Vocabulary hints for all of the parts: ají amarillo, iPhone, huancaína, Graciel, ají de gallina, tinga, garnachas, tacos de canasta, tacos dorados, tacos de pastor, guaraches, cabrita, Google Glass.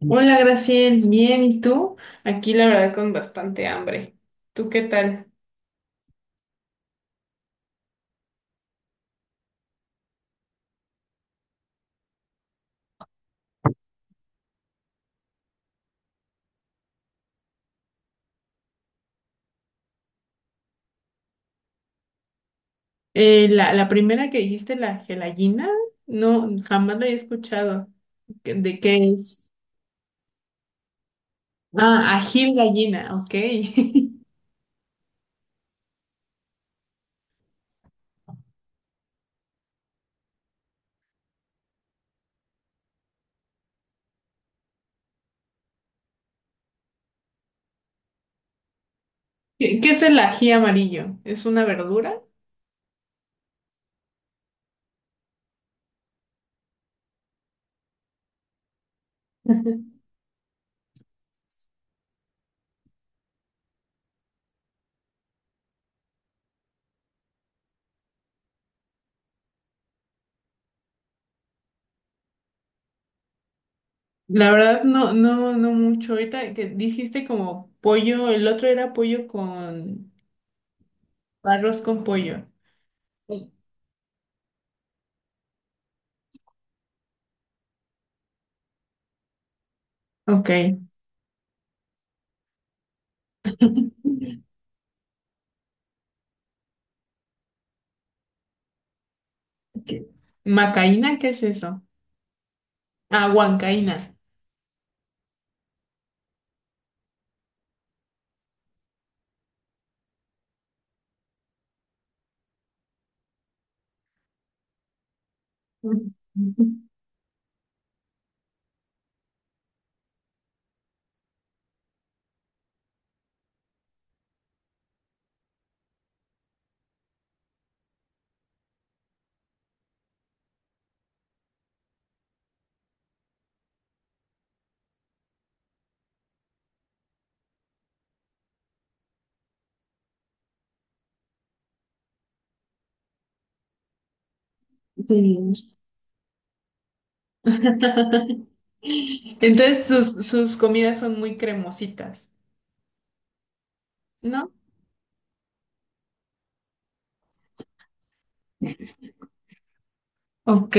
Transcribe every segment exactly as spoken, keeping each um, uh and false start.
Hola, Graciel, bien, ¿y tú? Aquí la verdad con bastante hambre. ¿Tú qué tal? Eh, la, la primera que dijiste, la gelatina, no, jamás la he escuchado. ¿Qué- ¿De qué es? Ah, ají de gallina, ok. ¿Qué, qué es el ají amarillo? ¿Es una verdura? La verdad, no, no, no mucho. Ahorita que dijiste como pollo, el otro era pollo con arroz con pollo. Sí. Ok. ¿Qué- ¿Macaína? ¿Qué es eso? Ah, huancaína. Sí. Entonces sus, sus comidas son muy cremositas, ¿no? Ok.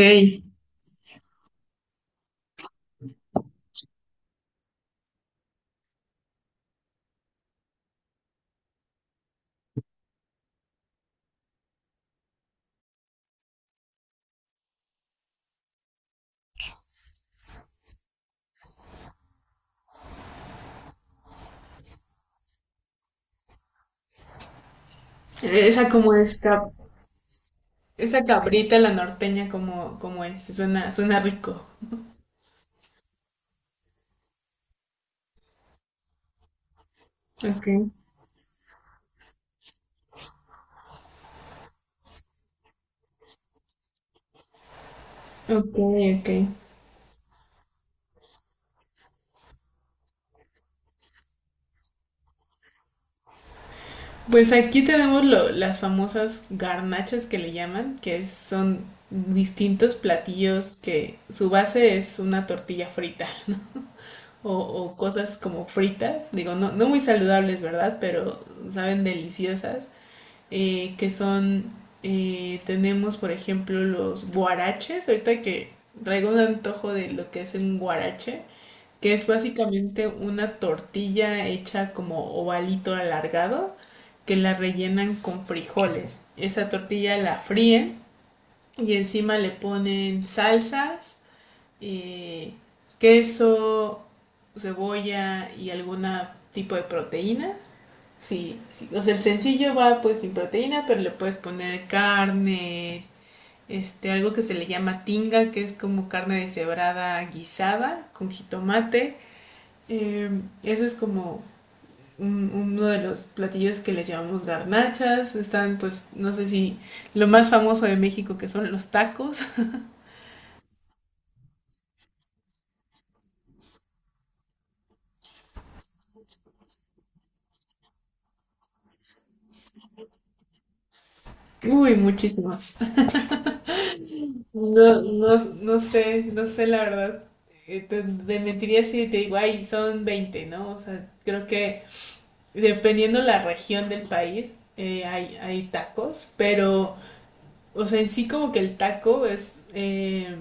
Esa como es cab- Esa cabrita, la norteña, como, como es, suena, suena rico. Ok, ok, ok. Pues aquí tenemos lo- las famosas garnachas que le llaman, que es- son distintos platillos que su base es una tortilla frita. O, o cosas como fritas, digo, no, no muy saludables, ¿verdad? Pero saben deliciosas, eh, que son, eh, tenemos por ejemplo los guaraches, ahorita que traigo un antojo de lo que es un guarache, que es básicamente una tortilla hecha como ovalito alargado, que la rellenan con frijoles. Esa tortilla la fríen y encima le ponen salsas, eh, queso, cebolla y algún tipo de proteína. Sí, sí, o sea, el sencillo va pues sin proteína, pero le puedes poner carne, este, algo que se le llama tinga, que es como carne deshebrada guisada con jitomate. Eh, Eso es como un- uno de los platillos que les llamamos garnachas. Están, pues, no sé si lo más famoso de México que son los tacos. Uy, muchísimos. No, no, no sé, no sé la verdad. Eh, Te, te mentiría si te digo, ay, son veinte, ¿no? O sea, creo que dependiendo la región del país, eh, hay, hay tacos, pero, o sea, en sí como que el taco es eh,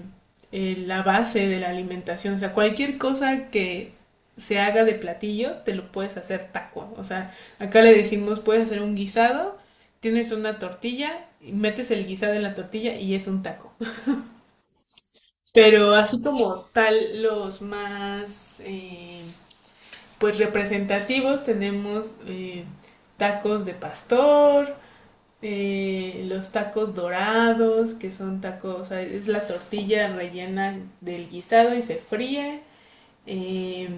eh, la base de la alimentación. O sea, cualquier cosa que se haga de platillo, te lo puedes hacer taco. O sea, acá le decimos, puedes hacer un guisado, tienes una tortilla, y metes el guisado en la tortilla y es un taco. Pero así como tal, los más eh, pues representativos tenemos, eh, tacos de pastor, eh, los tacos dorados, que son tacos, o sea, es la tortilla rellena del guisado y se fríe. Eh,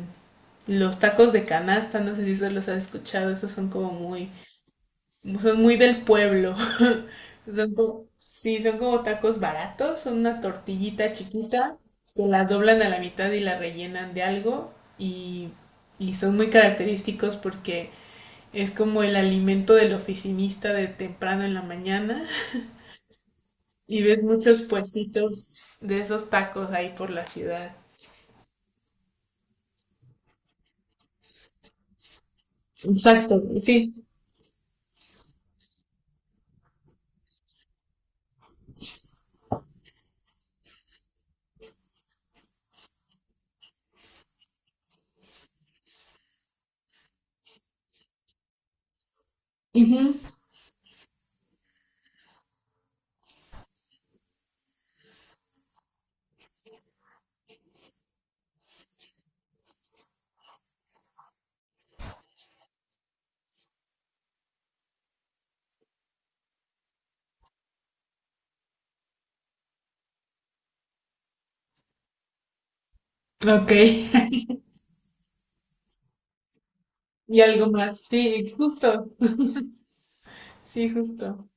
los tacos de canasta, no sé si eso los has escuchado, esos son como muy, son muy del pueblo. Son como, sí, son como tacos baratos, son una tortillita chiquita que la doblan a la mitad y la rellenan de algo y, y son muy característicos porque es como el alimento del oficinista de temprano en la mañana y ves muchos puestitos de esos tacos ahí por la ciudad. Exacto, sí. Ujú. Ok. Y algo más. Sí, justo. Sí, justo.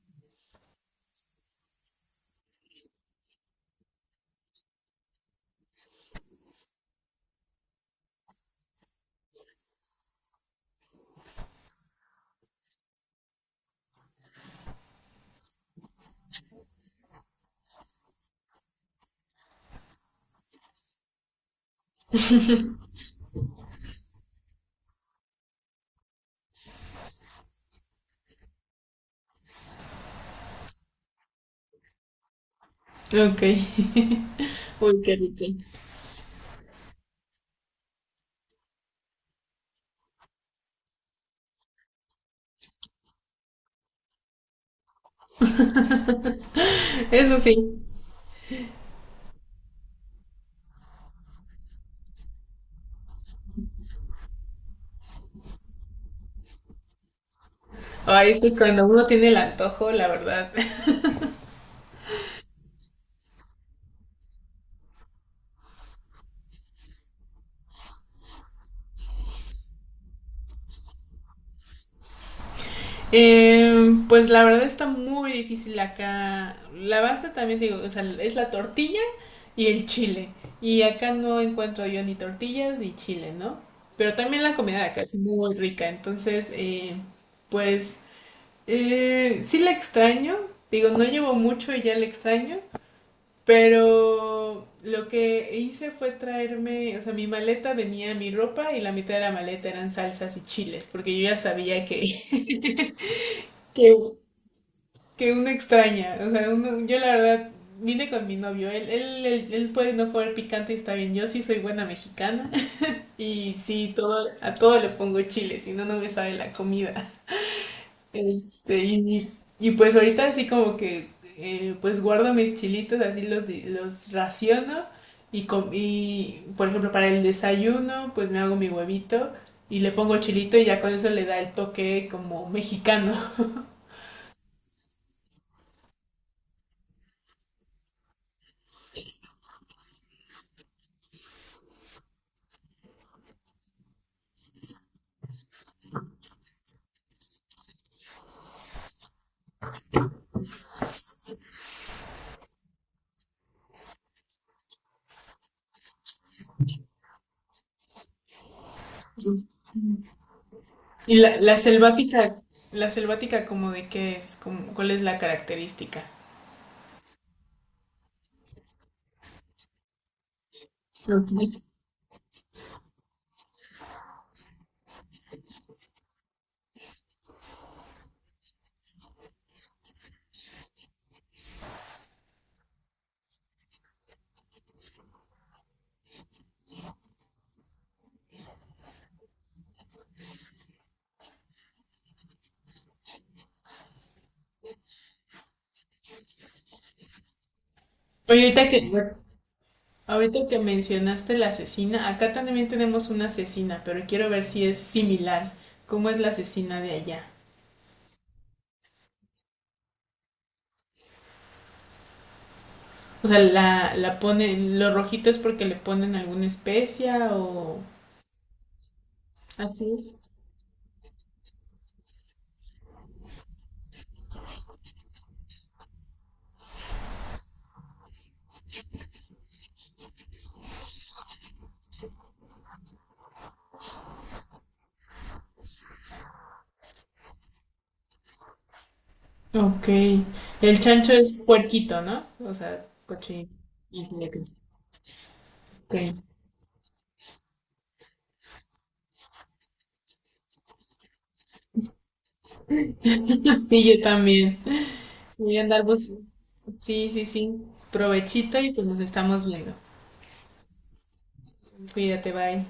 Ok. Uy, eso sí. Ay, es que cuando uno tiene el antojo, la verdad. Eh, pues la verdad está muy difícil acá. La base también digo, o sea, es la tortilla y el chile. Y acá no encuentro yo ni tortillas ni chile, ¿no? Pero también la comida de acá es muy rica. Entonces, eh, pues eh, sí la extraño. Digo, no llevo mucho y ya la extraño. Pero lo que hice fue traerme, o sea, mi maleta venía mi ropa y la mitad de la maleta eran salsas y chiles, porque yo ya sabía que, que que uno extraña. O sea, uno, yo la verdad vine con mi novio. Él, él, él, él puede no comer picante y está bien. Yo sí soy buena mexicana. Y sí, todo, a todo le pongo chile, si no, no me sabe la comida. Este, y, y pues ahorita así como que eh, pues guardo mis chilitos, así los, di- los raciono. Y, com- y por ejemplo para el desayuno pues me hago mi huevito y le pongo chilito y ya con eso le da el toque como mexicano. Y la, la selvática, la selvática como de qué es, como, ¿cuál es la característica? Ok. Oye, ahorita que, ahorita que mencionaste la asesina, acá también tenemos una asesina, pero quiero ver si es similar. ¿Cómo es la asesina de allá? O sea, la, la ponen, lo rojito es porque le ponen alguna especia o... Así es. Ok. El chancho es puerquito, ¿no? O sea, cochinito. Ok. Sí, yo también. Voy a andar bus- Sí, sí, sí. Provechito y pues nos estamos viendo. Cuídate, bye.